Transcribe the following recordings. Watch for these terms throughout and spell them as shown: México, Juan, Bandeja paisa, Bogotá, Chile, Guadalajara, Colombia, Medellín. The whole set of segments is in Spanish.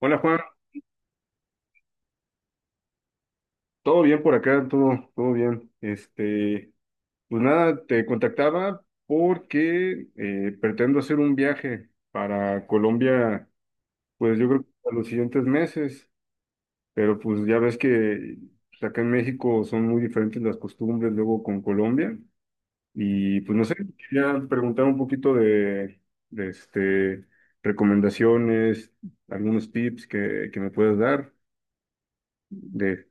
Hola Juan, todo bien por acá, todo bien. Pues nada, te contactaba porque pretendo hacer un viaje para Colombia, pues yo creo que a los siguientes meses, pero pues ya ves que pues, acá en México son muy diferentes las costumbres luego con Colombia y pues no sé, quería preguntar un poquito de recomendaciones, algunos tips que me puedas dar. De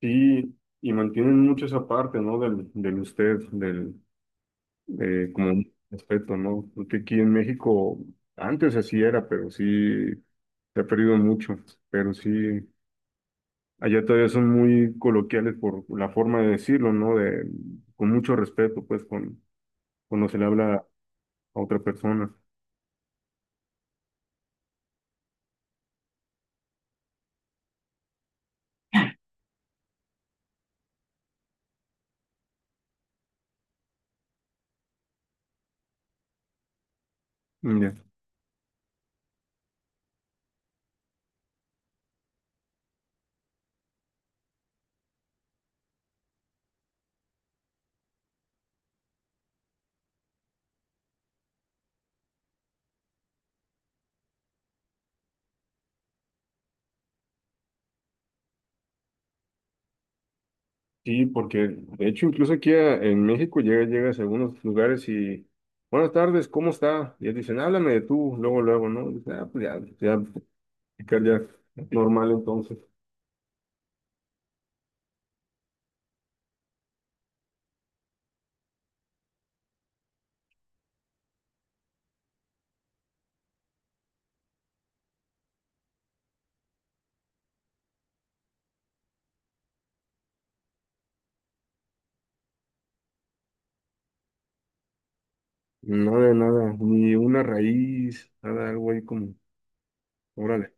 Sí, y mantienen mucho esa parte, ¿no? Del usted, del, de, como respeto, ¿no? Porque aquí en México antes así era, pero sí se ha perdido mucho, pero sí, allá todavía son muy coloquiales por la forma de decirlo, ¿no? De, con mucho respeto, pues, con, cuando se le habla a otra persona. Ya. Sí, porque de hecho incluso aquí en México llegas a algunos lugares y buenas tardes, ¿cómo está? Y ellos dicen, háblame de tú, luego, luego, ¿no? Y dices, ah, pues ya, ya, platicar ya normal entonces. Nada, de nada, ni una raíz, nada, algo ahí como, órale.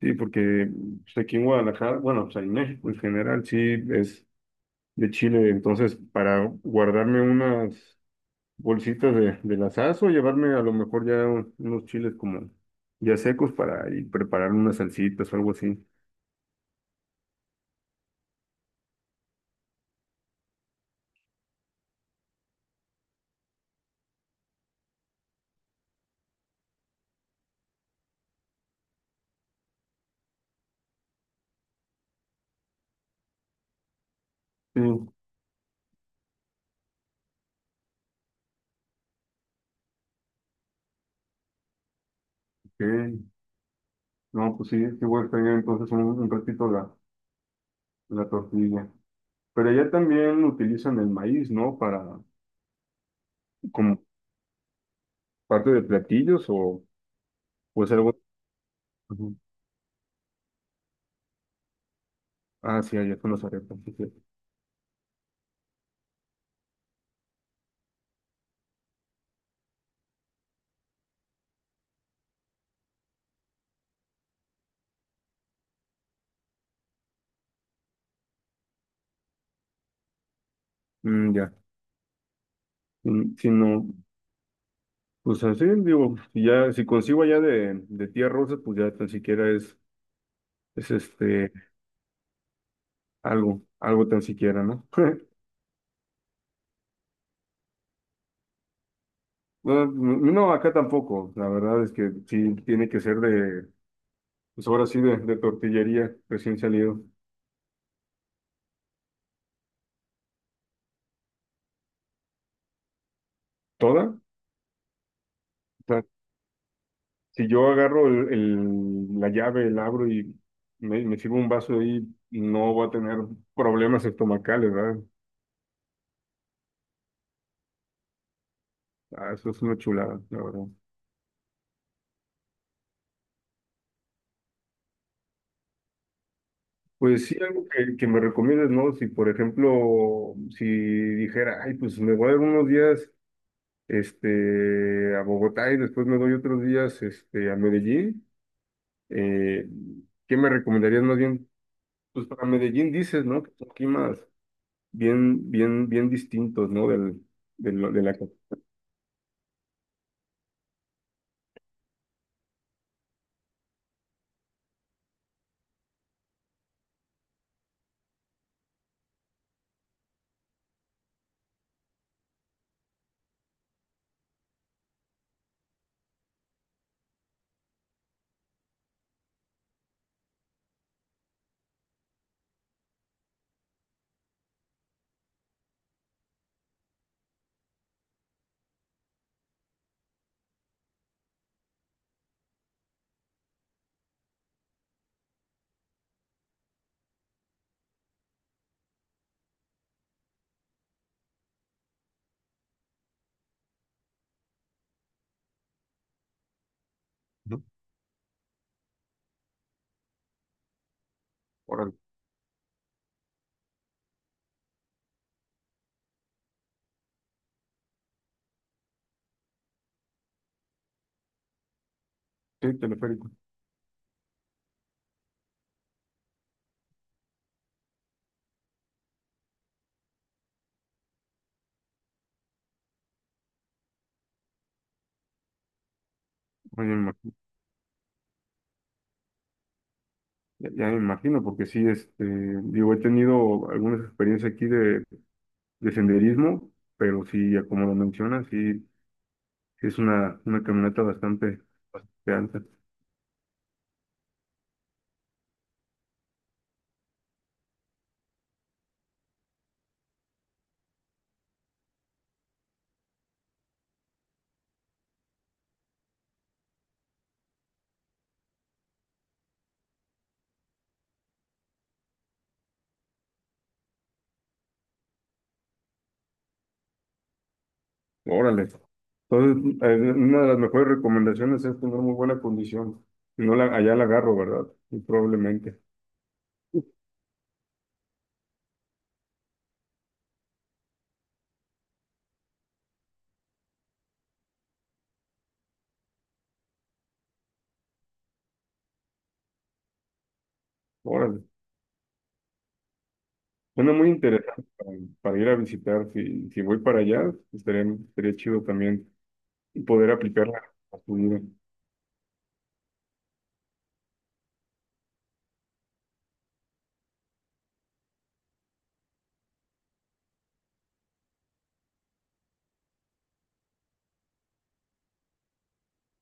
Sí, porque pues, aquí en Guadalajara, bueno, pues en México en general, sí, es de Chile, entonces para guardarme unas bolsitas de las o llevarme a lo mejor ya unos chiles como ya secos para ir preparar unas salsitas o algo así. Sí, ok. No, pues sí, sí voy a extrañar entonces un ratito la tortilla. Pero allá también utilizan el maíz, ¿no? Para, como parte de platillos o pues algo. Ujú. Ah, sí, allá con los arepas. Sí, sí. Mm, ya. Mm, si no, pues así digo, si ya, si consigo allá de tía Rosa, pues ya tan siquiera es este. Algo, algo tan siquiera, ¿no? No, no, acá tampoco. La verdad es que sí tiene que ser de, pues ahora sí, de tortillería recién salido. ¿Toda? O sea, si yo agarro la llave, el abro y me sirvo un vaso ahí, no voy a tener problemas estomacales, ¿verdad? Ah, eso es una chulada, la verdad. Pues sí, algo que me recomiendes, ¿no? Si, por ejemplo, si dijera, ay, pues me voy a dar unos días este, a Bogotá y después me doy otros días, este, a Medellín. Eh, ¿Qué me recomendarías más bien? Pues para Medellín dices, ¿no? Que son climas bien distintos, ¿no? De la cap- ¿no? Órale, sí, teleférico. Ya me imagino, ya me imagino, porque sí, este, digo, he tenido algunas experiencias aquí de senderismo, pero sí, ya como lo mencionas, sí, sí es una caminata bastante alta. Órale. Entonces, una de las mejores recomendaciones es tener muy buena condición. Si no, la, allá la agarro, ¿verdad? Y probablemente. Órale. Suena muy interesante para ir a visitar. Si, si voy para allá, estaría chido también poder aplicarla a tu vida.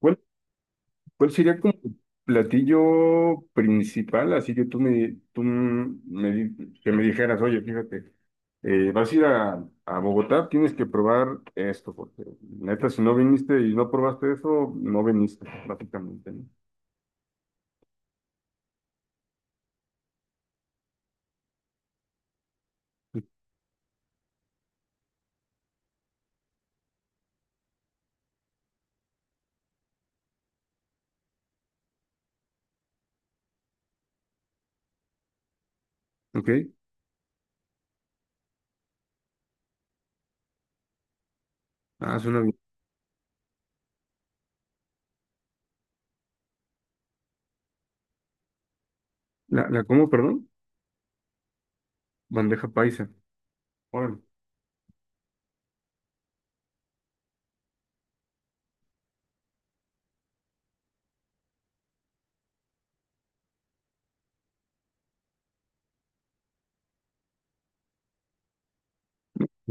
Bueno, ¿cuál sería como tu platillo principal? Así que que me dijeras, oye, fíjate, vas a ir a Bogotá, tienes que probar esto, porque neta, si no viniste y no probaste eso, no viniste, básicamente, ¿no? Ok, ah, suena bien. ¿La, la cómo, perdón? Bandeja paisa. Órale.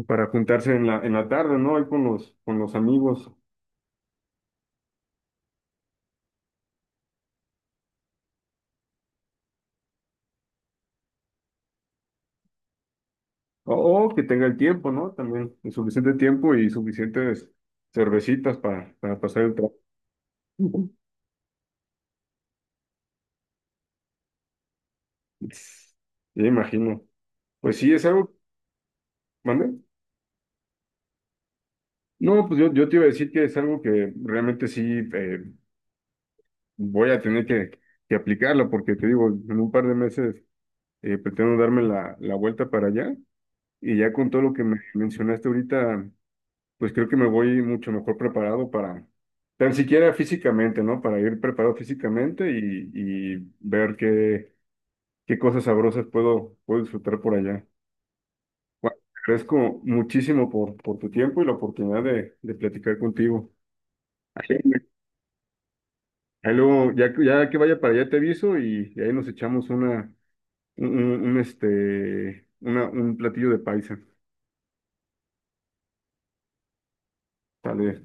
Para juntarse en en la tarde, ¿no? Ahí con los amigos. O, o que tenga el tiempo, ¿no? También, el suficiente tiempo y suficientes cervecitas para pasar el trabajo. Ujú. Me imagino. Pues sí, es algo, ¿mande? No, yo te iba a decir que es algo que realmente sí eh, voy a tener que aplicarlo, porque te digo, en un par de meses pretendo darme la vuelta para allá y ya con todo lo que me mencionaste ahorita, pues creo que me voy mucho mejor preparado para, tan siquiera físicamente, ¿no? Para ir preparado físicamente y ver qué, qué cosas sabrosas puedo, puedo disfrutar por allá. Bueno, te agradezco muchísimo por tu tiempo y la oportunidad de platicar contigo. Ahí, ahí luego, ya, ya que vaya para allá te aviso y ahí nos echamos una, un, este, una, un platillo de paisa. Tal vez.